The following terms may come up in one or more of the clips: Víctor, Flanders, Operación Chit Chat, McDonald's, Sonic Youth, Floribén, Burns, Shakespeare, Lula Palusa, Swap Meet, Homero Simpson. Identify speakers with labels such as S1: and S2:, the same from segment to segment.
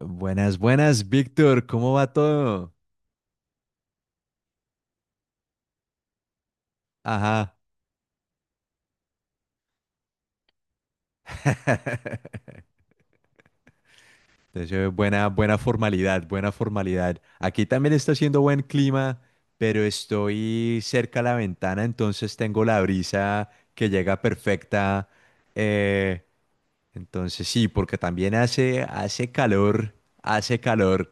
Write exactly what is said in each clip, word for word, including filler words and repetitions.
S1: Buenas, buenas, Víctor, ¿cómo va todo? Ajá. Entonces, eh, buena, buena formalidad, buena formalidad. Aquí también está haciendo buen clima, pero estoy cerca a la ventana, entonces tengo la brisa que llega perfecta. Eh, entonces sí, porque también hace, hace calor, hace calor.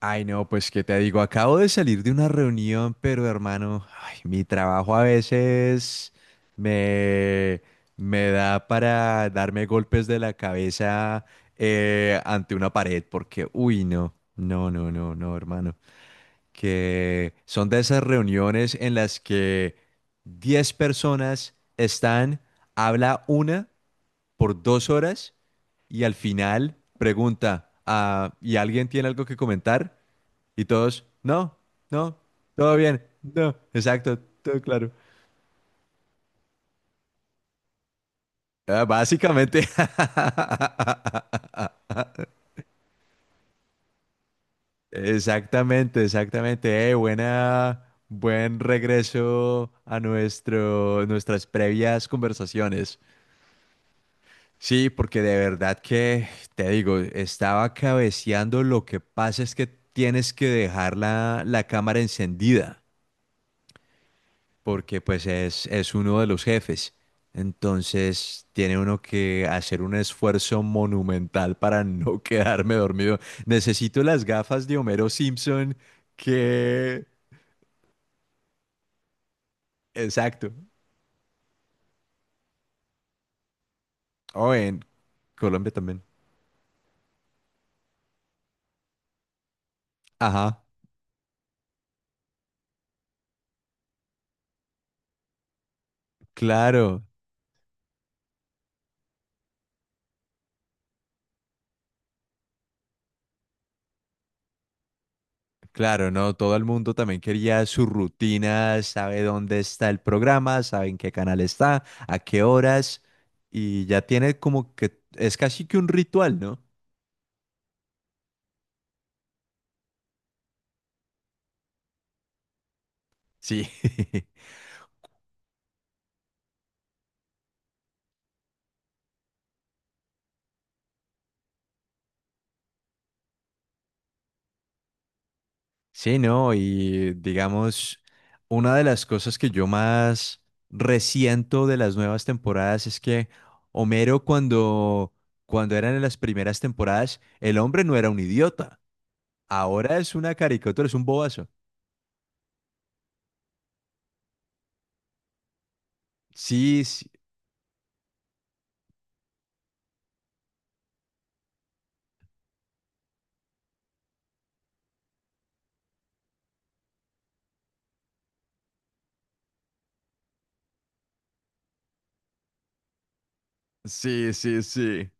S1: Ay, no, pues qué te digo, acabo de salir de una reunión, pero hermano, ay, mi trabajo a veces me, me da para darme golpes de la cabeza eh, ante una pared, porque, uy, no, no, no, no, no, hermano, que son de esas reuniones en las que diez personas están, habla una por dos horas y al final pregunta, ah, ¿y alguien tiene algo que comentar? Y todos, no, no, todo bien, no, exacto, todo claro. Ah, básicamente. Exactamente, exactamente. Eh, buena, buen regreso a nuestro, nuestras previas conversaciones. Sí, porque de verdad que, te digo, estaba cabeceando. Lo que pasa es que tienes que dejar la, la cámara encendida. Porque pues es, es uno de los jefes. Entonces tiene uno que hacer un esfuerzo monumental para no quedarme dormido. Necesito las gafas de Homero Simpson que... Exacto. O en Colombia también. Ajá, claro, claro, no, todo el mundo también quería su rutina, sabe dónde está el programa, sabe en qué canal está, a qué horas, y ya tiene como que es casi que un ritual, ¿no? Sí. Sí, no, y digamos, una de las cosas que yo más resiento de las nuevas temporadas es que Homero cuando, cuando eran en las primeras temporadas, el hombre no era un idiota. Ahora es una caricatura, es un bobazo. Sí, sí, sí, sí, sí.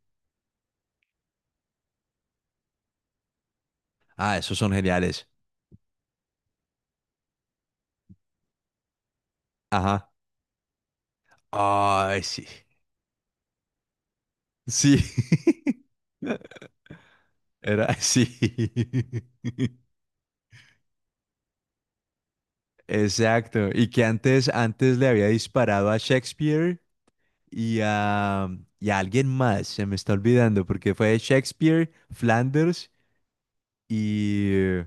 S1: Ah, esos son geniales. Ajá. Ay, sí. Sí. Era, sí. Exacto. Y que antes, antes le había disparado a Shakespeare y a, y a alguien más, se me está olvidando, porque fue Shakespeare, Flanders y...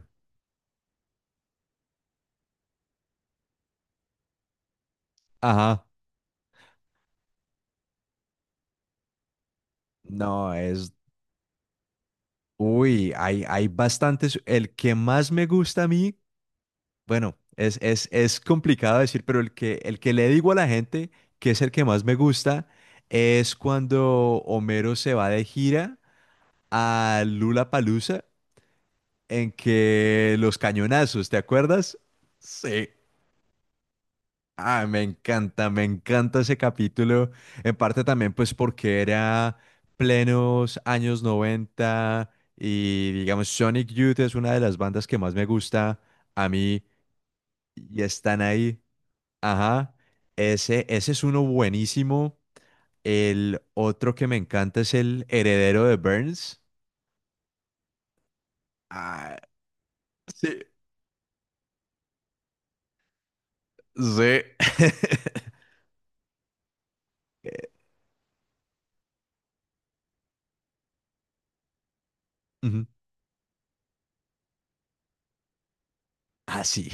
S1: Ajá, no, es... Uy, hay, hay bastantes. El que más me gusta a mí, bueno, es, es, es complicado decir, pero el que, el que le digo a la gente que es el que más me gusta es cuando Homero se va de gira a Lula Palusa en que los cañonazos, ¿te acuerdas? Sí. Ah, me encanta, me encanta ese capítulo. En parte también, pues, porque era plenos años noventa y, digamos, Sonic Youth es una de las bandas que más me gusta a mí y están ahí. Ajá, ese, ese es uno buenísimo. El otro que me encanta es el heredero de Burns. Ah, sí, sí. Eh, Ujú. Ah, sí.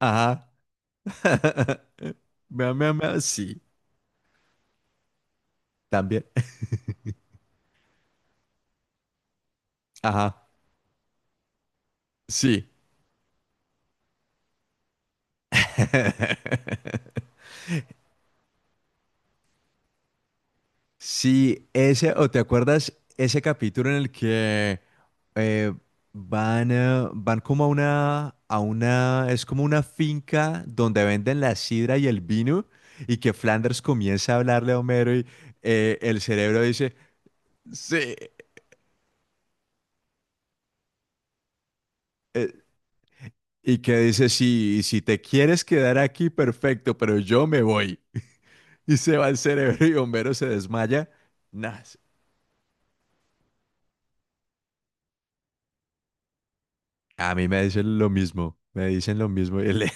S1: Ajá. Me, me, me, sí, también. Ajá, sí. Sí, ese, o te acuerdas ese capítulo en el que eh, van, eh, van como a una, a una, es como una finca donde venden la sidra y el vino, y que Flanders comienza a hablarle a Homero y eh, el cerebro dice, sí, eh, y que dice, sí, si te quieres quedar aquí, perfecto, pero yo me voy. Y se va el cerebro y Homero se desmaya. Nah, a mí me dicen lo mismo, me dicen lo mismo. Y le-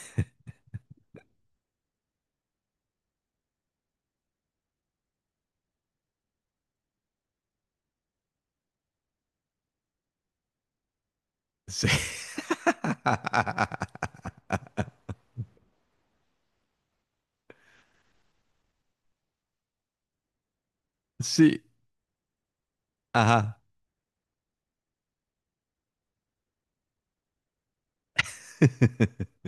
S1: Sí. Sí, ajá.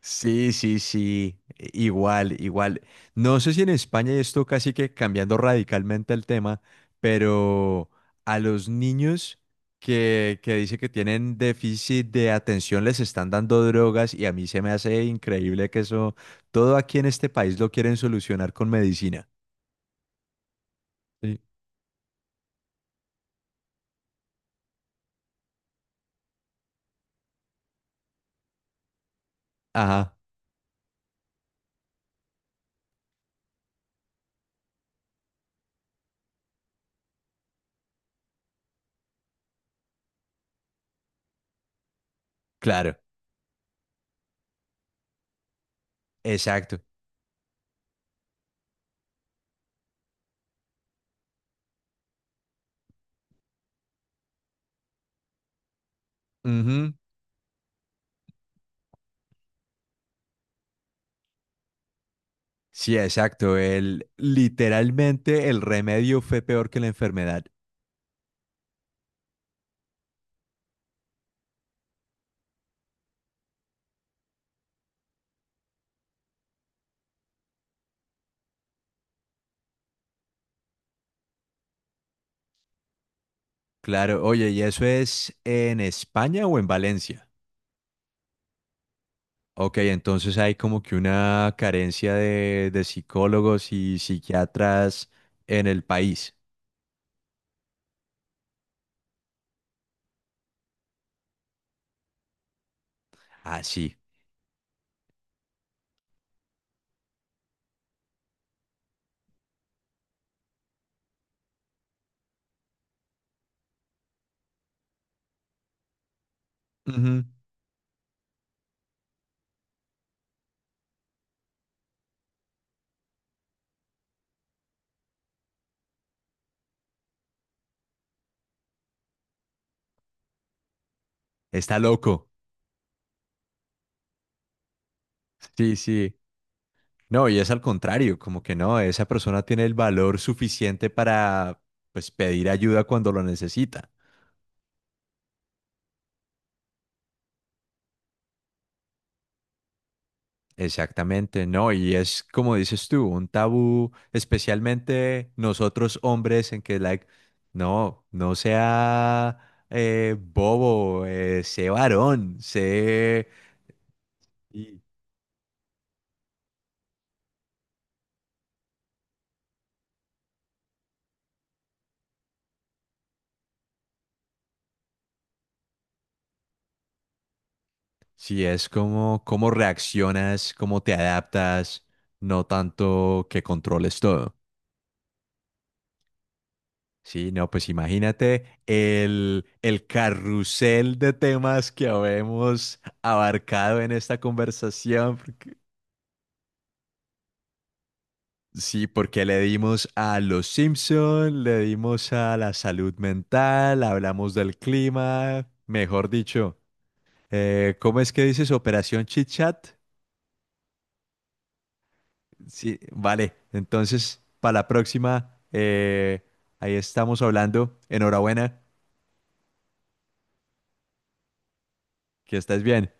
S1: Sí, sí, sí, i- igual, igual. No sé si en España y esto casi que cambiando radicalmente el tema, pero a los niños que, que dice que tienen déficit de atención les están dando drogas y a mí se me hace increíble que eso, todo aquí en este país lo quieren solucionar con medicina. Sí. Ajá, claro. Exacto. Ujú. Sí, exacto. El, literalmente el remedio fue peor que la enfermedad. Claro, oye, ¿y eso es en España o en Valencia? Ok, entonces hay como que una carencia de, de psicólogos y psiquiatras en el país. Ah, sí. Ujú. Está loco. Sí, sí. No, y es al contrario, como que no, esa persona tiene el valor suficiente para, pues, pedir ayuda cuando lo necesita. Exactamente, no, y es como dices tú, un tabú, especialmente nosotros hombres, en que, like, no, no sea eh, bobo, eh, sé varón, sé. Y sí, es como cómo reaccionas, cómo te adaptas, no tanto que controles todo. Sí, no, pues imagínate el, el carrusel de temas que habemos abarcado en esta conversación. Sí, porque le dimos a los Simpson, le dimos a la salud mental, hablamos del clima, mejor dicho. Eh, ¿cómo es que dices Operación Chit Chat? Sí, vale. Entonces, para la próxima, eh, ahí estamos hablando. Enhorabuena, que estés bien.